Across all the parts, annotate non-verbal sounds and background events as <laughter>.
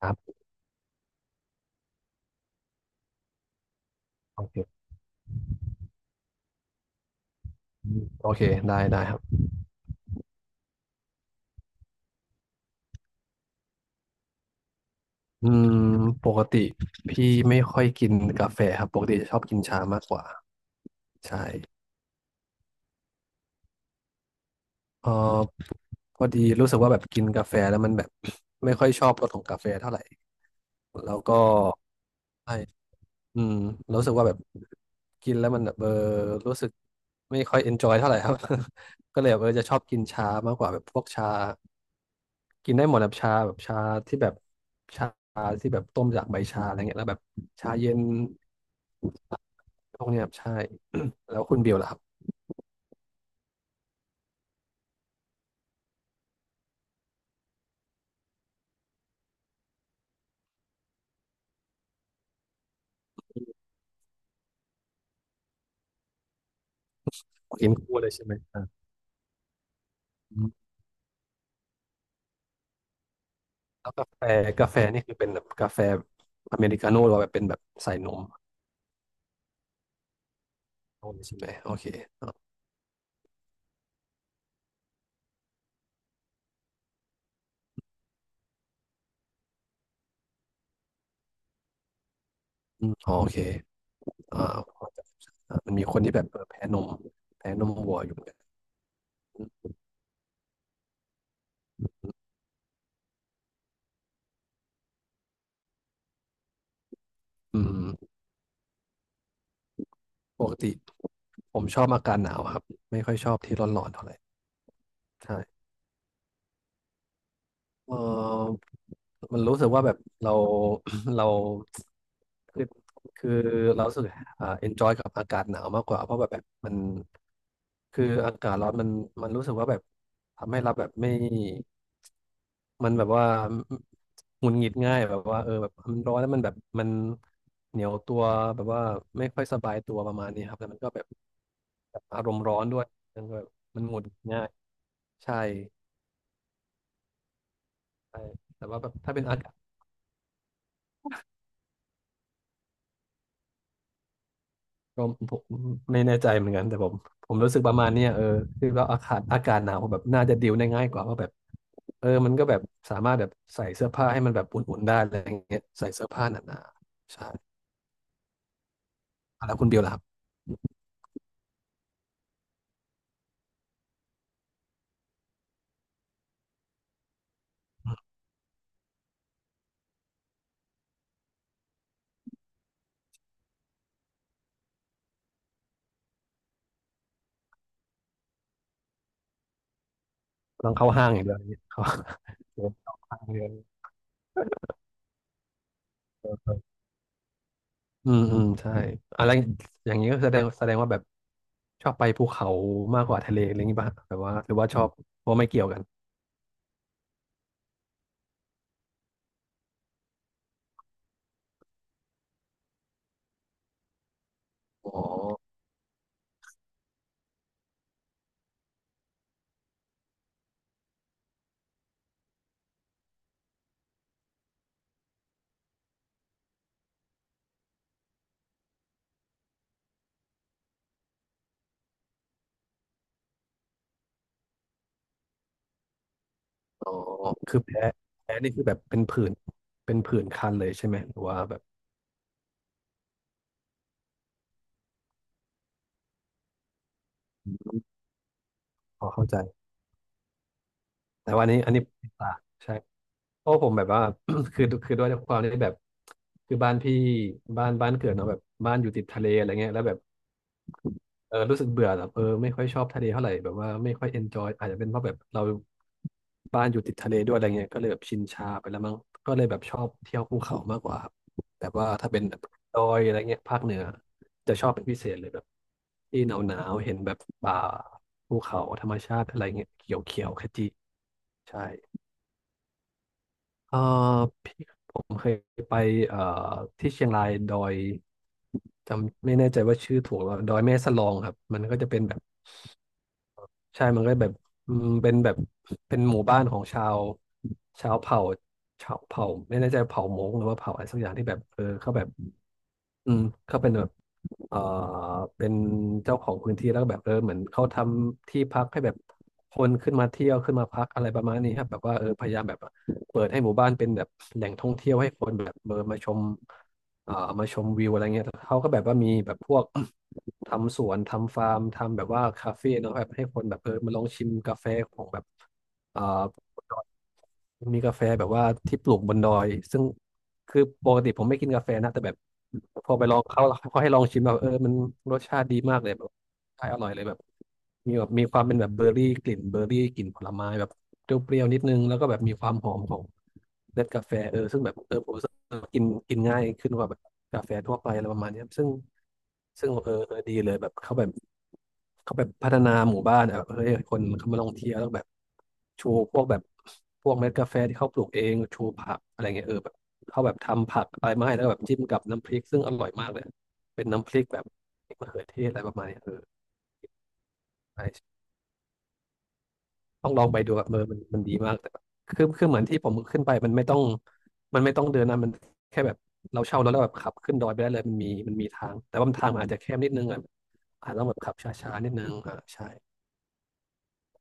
ครับโอเคอืมโอเคได้ได้ครับอืมปกติพี่ไม่ค่อยกินกาแฟครับปกติจะชอบกินชามากกว่าใช่เออพอดีรู้สึกว่าแบบกินกาแฟแล้วมันแบบ <coughs> <clears throat> ไม่ค่อยชอบรสของกาแฟเท่าไหร่แล้วก็ใช่อืมรู้สึกว่าแบบกินแล้วมันแบบรู้สึกไม่ค่อยเอนจอยเท่าไหร่ครับ <laughs> ก็เลยแบบจะชอบกินชามากกว่าแบบพวกชา กินได้หมดแบบชาที่แบบชาที่แบบต้มจากใบชาอะไรเงี้ยแล้วแบบชาเย็นพวกเนี้ยครับใช่ <coughs> <clears throat> แล้วคุณบิวล่ะครับกินคู่เลยใช่ไหมอืมแล้วกาแฟกาแฟนี่คือเป็นแบบกาแฟอเมริกาโน่หรือว่าแบบเป็นแบบใส่นมโน่เลยใช่ไหมโอเคอ่าอมโอเคอ่าพอจะมันมีคนที่แบบแพ้นมแพ้นมวัวอยู่เหมือนกันอืมปกติผมชอบอากาศหนาวครับไม่ค่อยชอบที่ร้อนๆเท่าไหร่ใช่เออ มันรู้สึกว่าแบบเรา <coughs> <clears throat> เราคือคือเรารู้สึกenjoy กับอากาศหนาวมากกว่าเพราะแบบมันคืออากาศร้อนมันรู้สึกว่าแบบทำให้เราแบบไม่มันแบบว่าหงุดหงิดง่ายแบบว่าแบบมันร้อนแล้วมันแบบมันเหนียวตัวแบบว่าไม่ค่อยสบายตัวประมาณนี้ครับแล้วมันก็แบบแบบอารมณ์ร้อนด้วยมันก็แบบมันหงุดหงิดง่ายใช่ใช่แต่ว่าแบบถ้าเป็นอากาศ ก็ผมไม่แน่ใจเหมือนกันแต่ผมรู้สึกประมาณเนี้ยคือว่าอากาศหนาวแบบน่าจะดิวได้ง่ายกว่าว่าแบบมันก็แบบสามารถแบบใส่เสื้อผ้าให้มันแบบอุ่นๆได้อะไรอย่างเงี้ยใส่เสื้อผ้าหนาๆใช่แล้วคุณบิวล่ะครับต้องเข้าห้างอย่างเดียวอย่างเงี้ยเข้าเดินเข้าห้างเดินเอออืมใช่อะไรอย่างนี้ก็แสดงว่าแบบชอบไปภูเขามากกว่าทะเลอะไรอย่างงี้ป่ะแบบว่าหรือว่าชอบว่าไม่เกี่ยวกันอ๋อ อ๋อคือแพ้แพ้นี่คือแบบเป็นผื่นเป็นผื่นคันเลยใช่ไหมหรือว่าแบบพอเข้าใจแต่ว่าอันนี้ตาใช่เพราะผมแบบว่า <coughs> คือด้วยความที่แบบคือบ้านพี่บ้านเกิดเนาะแบบบ้านอยู่ติดทะเลอะไรเงี้ยแล้วแบบ รู้สึกเบื่อแบบไม่ค่อยชอบทะเลเท่าไหร่แบบว่าไม่ค่อยเอนจอยอาจจะเป็นเพราะแบบเราบ้านอยู่ติดทะเลด้วยอะไรเงี้ยก็เลยแบบชินชาไปแล้วมั้งก็เลยแบบชอบเที่ยวภูเขามากกว่าครับแบบว่าถ้าเป็นแบบดอยอะไรเงี้ยภาคเหนือจะชอบเป็นพิเศษเลยแบบที่หนาวหนาวเห็นแบบป่าภูเขาธรรมชาติอะไรเงี้ยเขียวเขียวขจีใช่เออพี่ผมเคยไปเอ่อที่เชียงรายดอยจำไม่แน่ใจว่าชื่อถูกหรือเปล่าดอยแม่สลองครับมันก็จะเป็นแบบ ใช่มันก็แบบอืมเป็นแบบ เป็นหมู่บ้านของชาว ชาวเผ่าชาวเผ่าไม่แน่ใจเผ่ามงหรือว่าเผ่าอะไรสักอย่างที่แบบเขาแบบ อืมเขาเป็นแบบเอ่อเป็นเจ้าของพื้นที่แล้วก็แบบเหมือนเขาทำที่พักให้แบบคนขึ้นมาเที่ยวขึ้นมาพักอะไรประมาณนี้ครับแบบว่าพยายามแบบเปิดให้หมู่บ้านเป็นแบบแหล่งท่องเที่ยวให้คนแบบมาชมเอ่อมาชมวิวอะไรเงี้ยแล้วเขาก็แบบว่ามีแบบพวก <clears throat> ทำสวนทำฟาร์มทำแบบว่าคาเฟ่เนาะแบบให้คนแบบมาลองชิมกาแฟของแบบเอ่อ มีกาแฟแบบว่าที่ปลูกบนดอยซึ่งคือปกติผมไม่กินกาแฟนะแต่แบบพอไปลองเขาเขาให้ลองชิมแบบมันรสชาติดีมากเลยแบบใช่อร่อยเลยแบบมีแบบมีความเป็นแบบเบอร์รี่กลิ่นเบอร์รี่กลิ่นผลไม้แบบเปรี้ยวๆนิดนึงแล้วก็แบบมีความหอมของเมล็ดกาแฟซึ่งแบบผม กินกินง่ายขึ้นกว่าแบบกาแฟทั่วไปอะไรประมาณเนี้ยซึ่งเออดีเลยแบบเขาแบบเขาแบบพัฒนาหมู่บ้านอะแบบเฮ้ยคนเขามาลองเที่ยวแล้วแบบชูพวกแบบพวกเม็ดกาแฟที่เขาปลูกเองชูผักอะไรเงี้ยแบบเขาแบบทำผักอะไรมาให้แล้วแบบจิ้มกับน้ำพริกซึ่งอร่อยมากเลยเป็นน้ำพริกแบบพริกมะเขือเทศอะไรประมาณเนี้ยใช่ ต้องลองไปดูอะเออมันดีมากแต่แบบคือเหมือนที่ผมขึ้นไปมันไม่ต้องเดินนะมันแค่แบบเราเช่ารถแล้วแบบขับขึ้นดอยไปได้เลยมันมีทางแต่ว่ามันทางมันอาจจะแคบนิดนึงอ่ะอาจจะต้องแบบขับช้าๆนิดนึงอ่ะใช่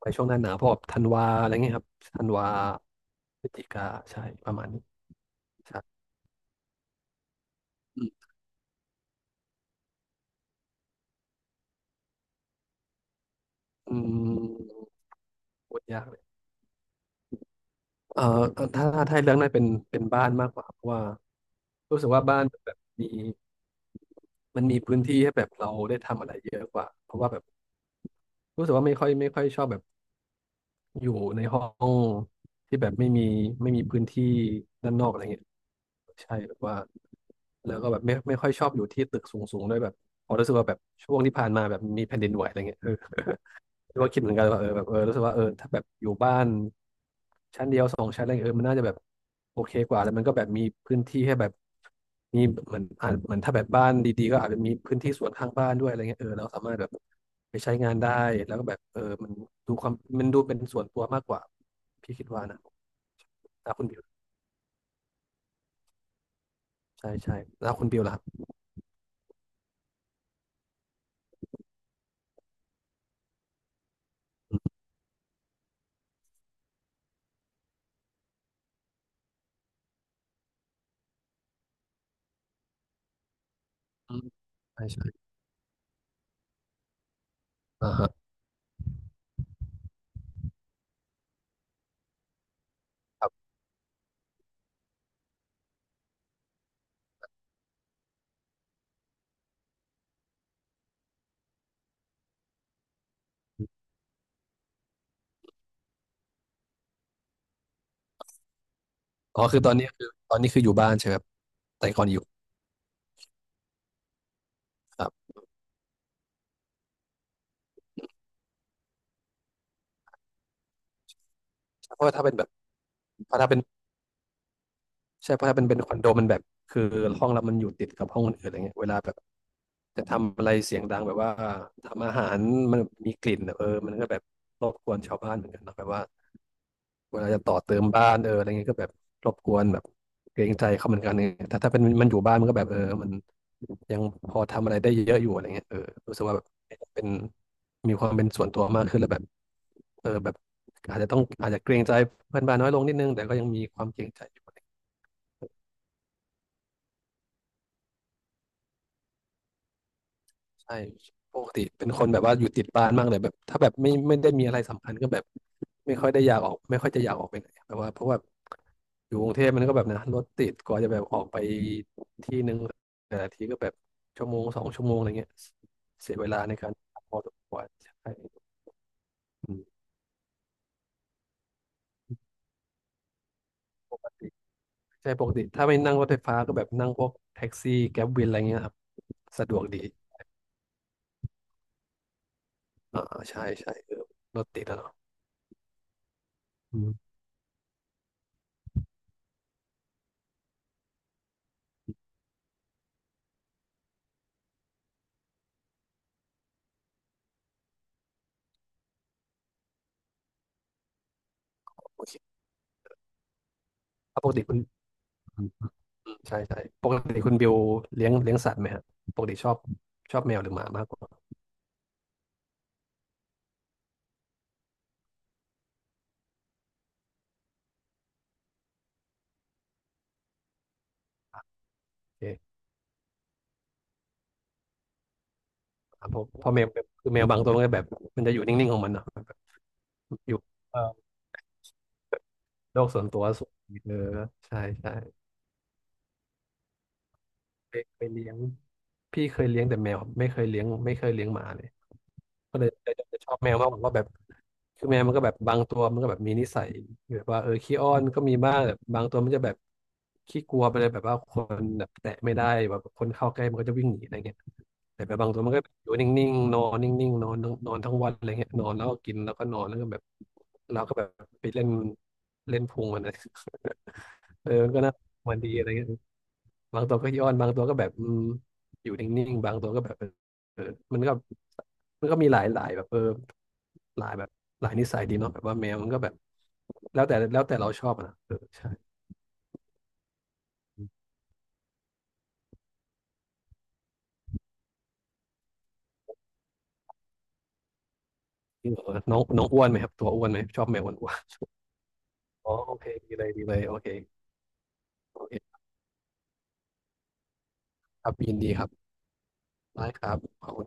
ไปช่วงหน้าหนาวพวกแบบธันวาอะไรเงี้ยครับธันวาพฤศจิกาใช่ประมาณนี้ใช่อืมอืมพูดยาก เอ่อถ้าให้เลือกน่าเป็นบ้านมากกว่าเพราะว่ารู้สึกว่าบ้านแบบมันมีพื้นที่ให้แบบเราได้ทำอะไรเยอะกว่าเพราะว่าแบบรู้สึกว่าไม่ค่อยชอบแบบอยู่ในห้องที่แบบไม่มีพื้นที่ด้านนอกอะไรเงี้ยใช่แบบว่าแล้วก็แบบไม่ค่อยชอบอยู่ที่ตึกสูงๆด้วยแบบพอรู้สึกว่าแบบช่วงที่ผ่านมาแบบมีแผ่นดินไหวอะไรเงี้ย <laughs> เออ ก็คิดเหมือนกันว่าเออแบบเออรู้สึกว่าเออถ้าแบบอยู่บ้านชั้นเดียวสองชั้นอะไรเงี้ยเออมันน่าจะแบบโอเคกว่าแล้วมันก็แบบมีพื้นที่ให้แบบมีเหมือนอ่าเหมือนถ้าแบบบ้านดีๆก็อาจจะมีพื้นที่สวนข้างบ้านด้วยอะไรเงี้ยเออเราสามารถแบบไปใช้งานได้แล้วก็แบบเออดูความมันดูเป็นส่วนตัวมากกว่าพี่คิดว่านะนะคุณบิวใช่ใช่แล้วคุณบิวล่ะครับอืมใช่ใช่อ่าฮะครับอ๋อคือตอนนี้อยู่บ้านใช่ไหมครับแต่ก่อนอยู่ครับเพราะว่าถ้าเป็น ใช่เพราะถ้าเป็นคอนโดมันแบบคือห้องเรามันอยู่ติดกับห้องคนอื่นอะไรเงี้ยเวลาแบบจะทำอะไรเสียงดังแบบว่าทำอาหารมันมีกลิ่นอะเออมันก็แบบรบกวนชาวบ้านเหมือนกันเนาะแบบว่าเวลาจะต่อเติมบ้านเอออะไรเงี้ยก็แบบรบกวนแบบเกรงใจเขาเหมือนกันเนี่ยถ้าเป็นมันอยู่บ้านมันก็แบบเออมันยังพอทำอะไรได้เยอะอยู่อะไรเงี้ยเออรู้สึกว่าแบบเป็นมีความเป็นส่วนตัวมากขึ้นแล้วแบบเออแบบอาจจะเกรงใจเพื่อนบ้านน้อยลงนิดนึงแต่ก็ยังมีความเกรงใจอยู่ ใช่ปกติเป็นคนแบบว่าอยู่ติดบ้านมากเลยแบบถ้าแบบไม่ได้มีอะไรสำคัญก็แบบไม่ค่อยได้อยากออกไม่ค่อยจะอยากออกไปไหนแบบว่าเพราะว่าอยู่กรุงเทพมันก็แบบนะรถติดกว่าจะแบบออกไปที่นึงแต่ละทีก็แบบชั่วโมงสองชั่วโมงอะไรเงี้ยเสียเวลาในการพอสมควรใช่อืมปกติใช่ปกติถ้าไม่นั่งรถไฟฟ้าก็แบบนั่งพวกแท็กซี่แกร็บวินอะไรเงี้ยครับสะดวกดีอ่าใช่ใช่เออรถติดอะเนาะอืมโอเคแล้วปกติคุณ ใช่ใช่ปกติคุณบิวเลี้ยงสัตว์ไหมฮะปกติชอบชอบแมวหรือหมามากกว่าโอเคครับเพราะแมวคือแมวบางตัวมันก็แบบมันจะอยู่นิ่งๆของมันเนาะแบบอยู่เอ่อโลกส่วนตัวสูงเออใช่ใช่เคยเลี้ยงพี่เคยเลี้ยงแต่แมวไม่เคยเลี้ยงไม่เคยเลี้ยงหมาเลยก็เลยจะชอบแมวมากกว่าเพราะแบบคือแมวมันก็แบบบางตัวมันก็แบบมีนิสัยแบบว่าเออขี้อ้อนก็มีบ้างแบบบางตัวมันจะแบบขี้กลัวไปเลยแบบว่าคนแบบแตะไม่ได้แบบคนเข้าใกล้มันก็จะวิ่งหนีอะไรเงี้ย แต่แบบบางตัวมันก็อยู่นิ่งๆนอนนิ่งๆนอนทั้งนอนทั้งวันอะไรเงี้ยนอนแล้วก็กินแล้วก็นอนแล้วก็แบบเราก็แบบไปเล่นเล่นพุงมันนะ <laughs> เออมันก็น่ามันดีอะไรเงี้ยบางตัวก็ย้อนบางตัวก็แบบอืมอยู่นิ่งๆบางตัวก็แบบเออมันก็มันก็มีหลายหลายแบบเออหลายแบบหลายนิสัยดีเนาะแบบว่าแมวมันก็แบบแล้วแต่เราชอบอะนะเออใช่จริงเหรอน้องน้องอ้วนไหมครับตัวอ้วนไหมชอบแมวอ้วนๆ <laughs> อ๋อโอเคดีเลยดีเลยโอเคโอเคครับยินดีครับได้ครับขอบคุณ